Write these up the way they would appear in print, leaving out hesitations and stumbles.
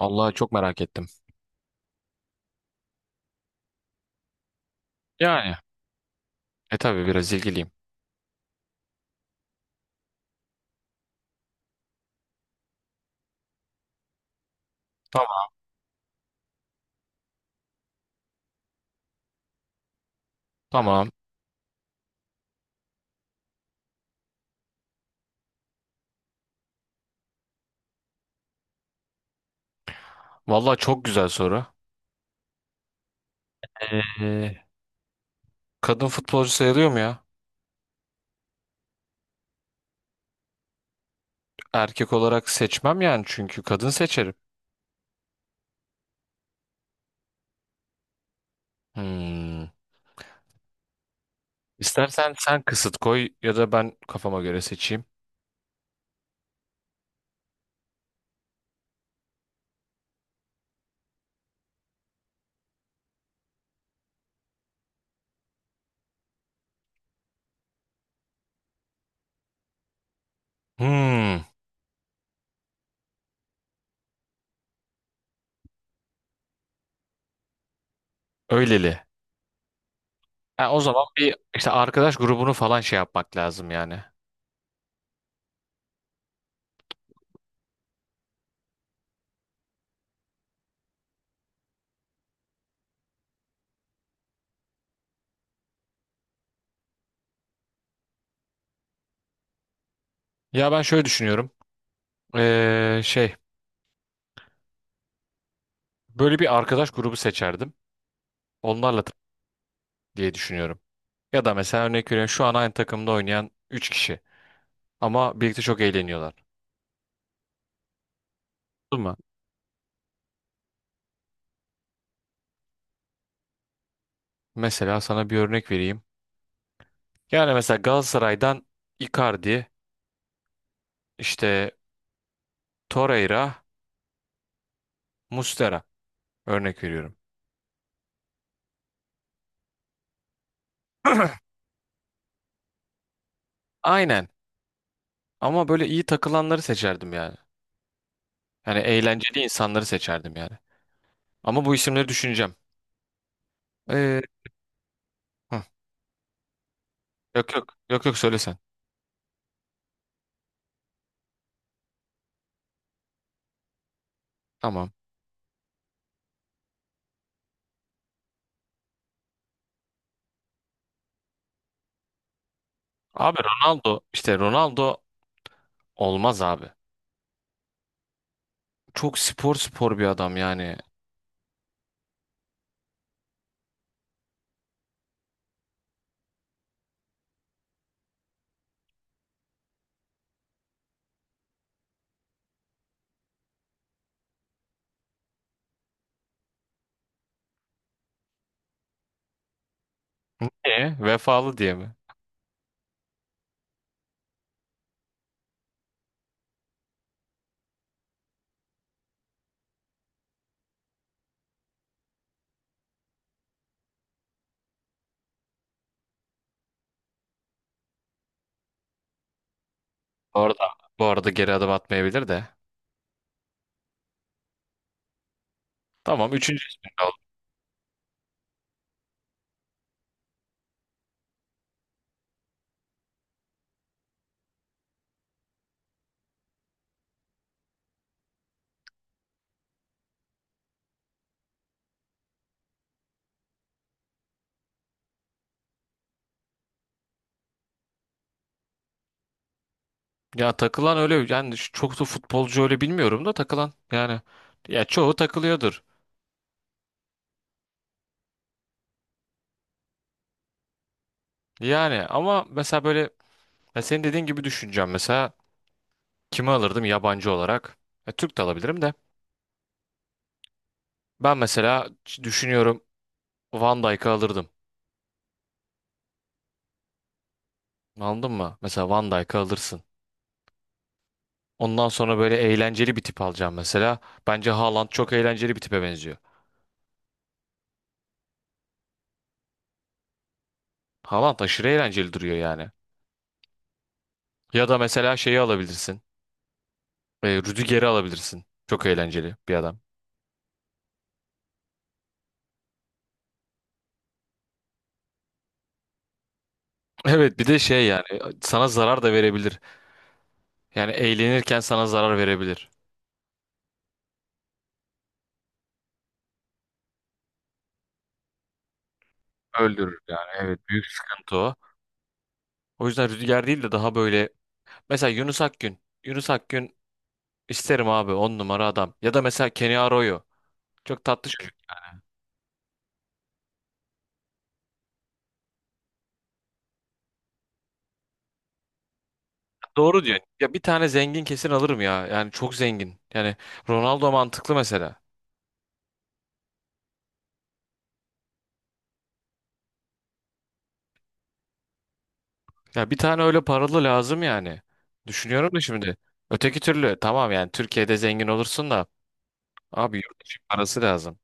Vallahi çok merak ettim. Yani tabii biraz ilgiliyim. Tamam. Tamam. Vallahi çok güzel soru. Ee, kadın futbolcu sayılıyor mu ya? Erkek olarak seçmem yani çünkü kadın seçerim. Hmm. İstersen sen kısıt koy ya da ben kafama göre seçeyim. Hmm. Öyleli. Ha, o zaman bir işte arkadaş grubunu falan şey yapmak lazım yani. Ya ben şöyle düşünüyorum. Şey böyle bir arkadaş grubu seçerdim. Onlarla diye düşünüyorum. Ya da mesela örnek veriyorum şu an aynı takımda oynayan 3 kişi ama birlikte çok eğleniyorlar. Değil mi? Mesela sana bir örnek vereyim. Yani mesela Galatasaray'dan Icardi, işte Torreira, Muslera örnek veriyorum. Aynen ama böyle iyi takılanları seçerdim yani. Yani eğlenceli insanları seçerdim yani. Ama bu isimleri düşüneceğim. Ee, hı. Yok, yok, yok, yok, söyle sen. Tamam. Abi Ronaldo işte Ronaldo olmaz abi. Çok spor spor bir adam yani. Niye? Vefalı diye mi? Orada. Bu arada geri adım atmayabilir de. Tamam, üçüncü ismin oldu. Ya takılan öyle yani çok da futbolcu öyle bilmiyorum da takılan yani. Ya çoğu takılıyordur. Yani ama mesela böyle ya senin dediğin gibi düşüneceğim mesela kimi alırdım yabancı olarak? Ya Türk de alabilirim de. Ben mesela düşünüyorum Van Dijk'ı alırdım. Anladın mı? Mesela Van Dijk'ı alırsın. Ondan sonra böyle eğlenceli bir tip alacağım mesela. Bence Haaland çok eğlenceli bir tipe benziyor. Haaland aşırı eğlenceli duruyor yani. Ya da mesela şeyi alabilirsin. Rüdiger'i alabilirsin. Çok eğlenceli bir adam. Evet, bir de şey yani sana zarar da verebilir. Yani eğlenirken sana zarar verebilir. Öldürür yani, evet, büyük sıkıntı o. O yüzden Rüdiger değil de daha böyle mesela Yunus Akgün. Yunus Akgün isterim abi, on numara adam. Ya da mesela Kenny Arroyo. Çok tatlı çocuk. Doğru diyorsun. Ya bir tane zengin kesin alırım ya. Yani çok zengin. Yani Ronaldo mantıklı mesela. Ya bir tane öyle paralı lazım yani. Düşünüyorum da şimdi. Öteki türlü tamam yani Türkiye'de zengin olursun da abi yurt dışı parası lazım.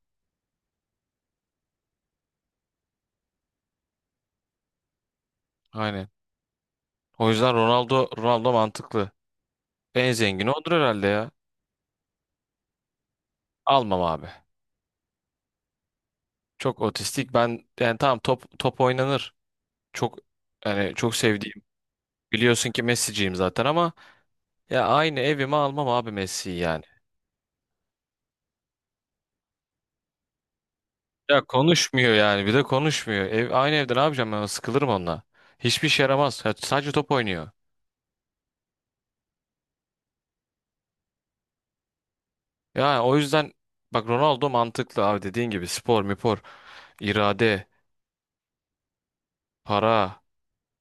Aynen. O yüzden Ronaldo mantıklı. En zengini odur herhalde ya. Almam abi. Çok otistik. Ben yani tamam top top oynanır. Çok yani çok sevdiğim. Biliyorsun ki Messi'ciyim zaten ama ya aynı evime almam abi Messi'yi yani. Ya konuşmuyor yani bir de konuşmuyor. Ev, aynı evde ne yapacağım, ben sıkılırım onunla. Hiçbir işe yaramaz. Ya sadece top oynuyor. Yani o yüzden bak Ronaldo mantıklı abi, dediğin gibi spor, mipor, irade, para,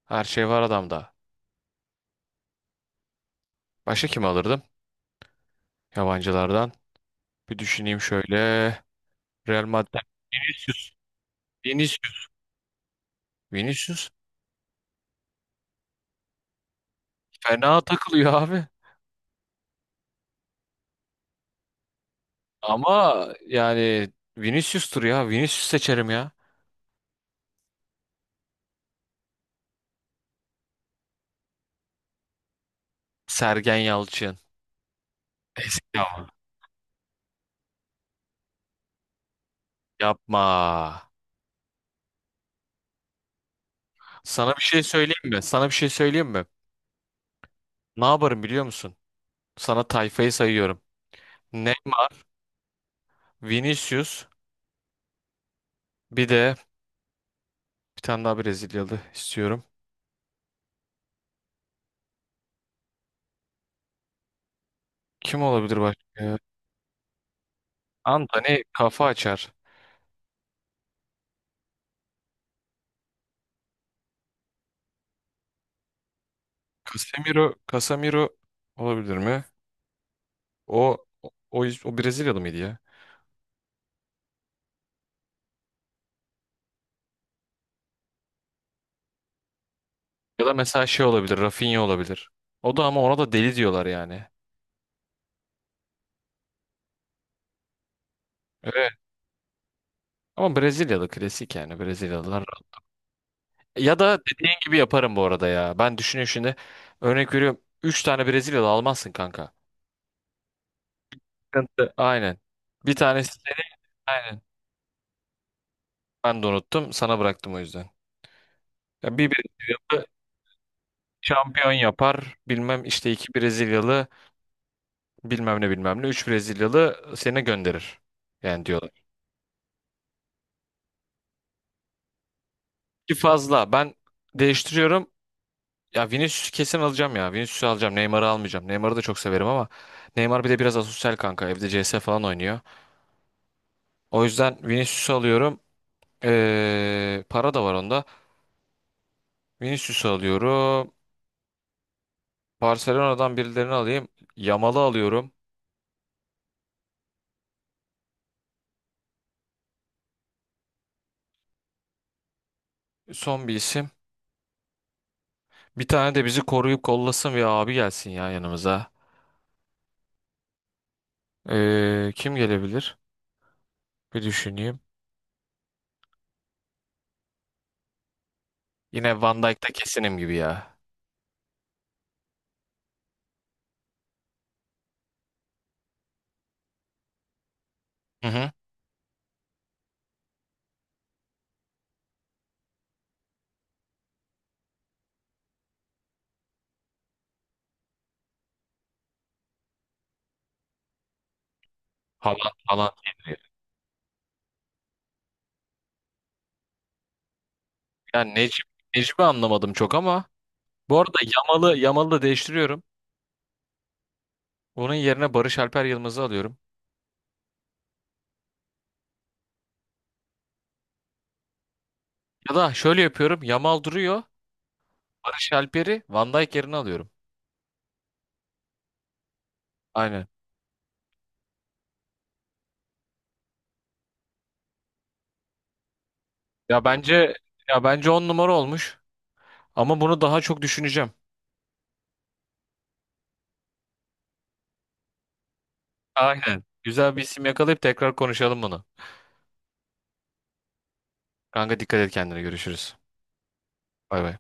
her şey var adamda. Başka kim alırdım yabancılardan? Bir düşüneyim şöyle. Real Madrid. Vinicius. Vinicius. Vinicius. Fena takılıyor abi. Ama yani Vinicius'tur ya. Vinicius seçerim ya. Sergen Yalçın. Eski ama. Yapma. Sana bir şey söyleyeyim mi? Sana bir şey söyleyeyim mi? Ne yaparım biliyor musun? Sana tayfayı sayıyorum. Neymar, Vinicius, bir de bir tane daha Brezilyalı istiyorum. Kim olabilir başka? Antony kafa açar. Casemiro olabilir mi? O o, o Brezilyalı mıydı ya? Ya da mesela şey olabilir, Rafinha olabilir. O da ama ona da deli diyorlar yani. Evet. Ama Brezilyalı klasik yani Brezilyalılar. Ya da dediğin gibi yaparım bu arada ya. Ben düşünüyorum şimdi. Örnek veriyorum. 3 tane Brezilyalı almazsın kanka. Sıkıntı. Aynen. Bir tanesi seni. Aynen. Ben de unuttum. Sana bıraktım o yüzden. Ya bir Brezilyalı şampiyon yapar. Bilmem işte iki Brezilyalı bilmem ne bilmem ne. Üç Brezilyalı seni gönderir. Yani diyorlar. Ki fazla. Ben değiştiriyorum. Ya Vinicius'u kesin alacağım ya. Vinicius'u alacağım. Neymar'ı almayacağım. Neymar'ı da çok severim ama Neymar bir de biraz asosyal kanka. Evde CS falan oynuyor. O yüzden Vinicius'u alıyorum. Para da var onda. Vinicius'u alıyorum. Barcelona'dan birilerini alayım. Yamal'ı alıyorum. Son bir isim. Bir tane de bizi koruyup kollasın ve abi gelsin ya yanımıza. Kim gelebilir? Bir düşüneyim. Yine Van Dijk da kesinim gibi ya. Hı hı. Haaland geliyor. Yani Necip, Necip'i anlamadım çok ama. Bu arada Yamal'ı da değiştiriyorum. Onun yerine Barış Alper Yılmaz'ı alıyorum. Ya da şöyle yapıyorum. Yamal duruyor. Barış Alper'i Van Dijk yerine alıyorum. Aynen. Ya bence ya bence 10 numara olmuş. Ama bunu daha çok düşüneceğim. Aynen. Güzel bir isim yakalayıp tekrar konuşalım bunu. Kanka dikkat et kendine, görüşürüz. Bay bay.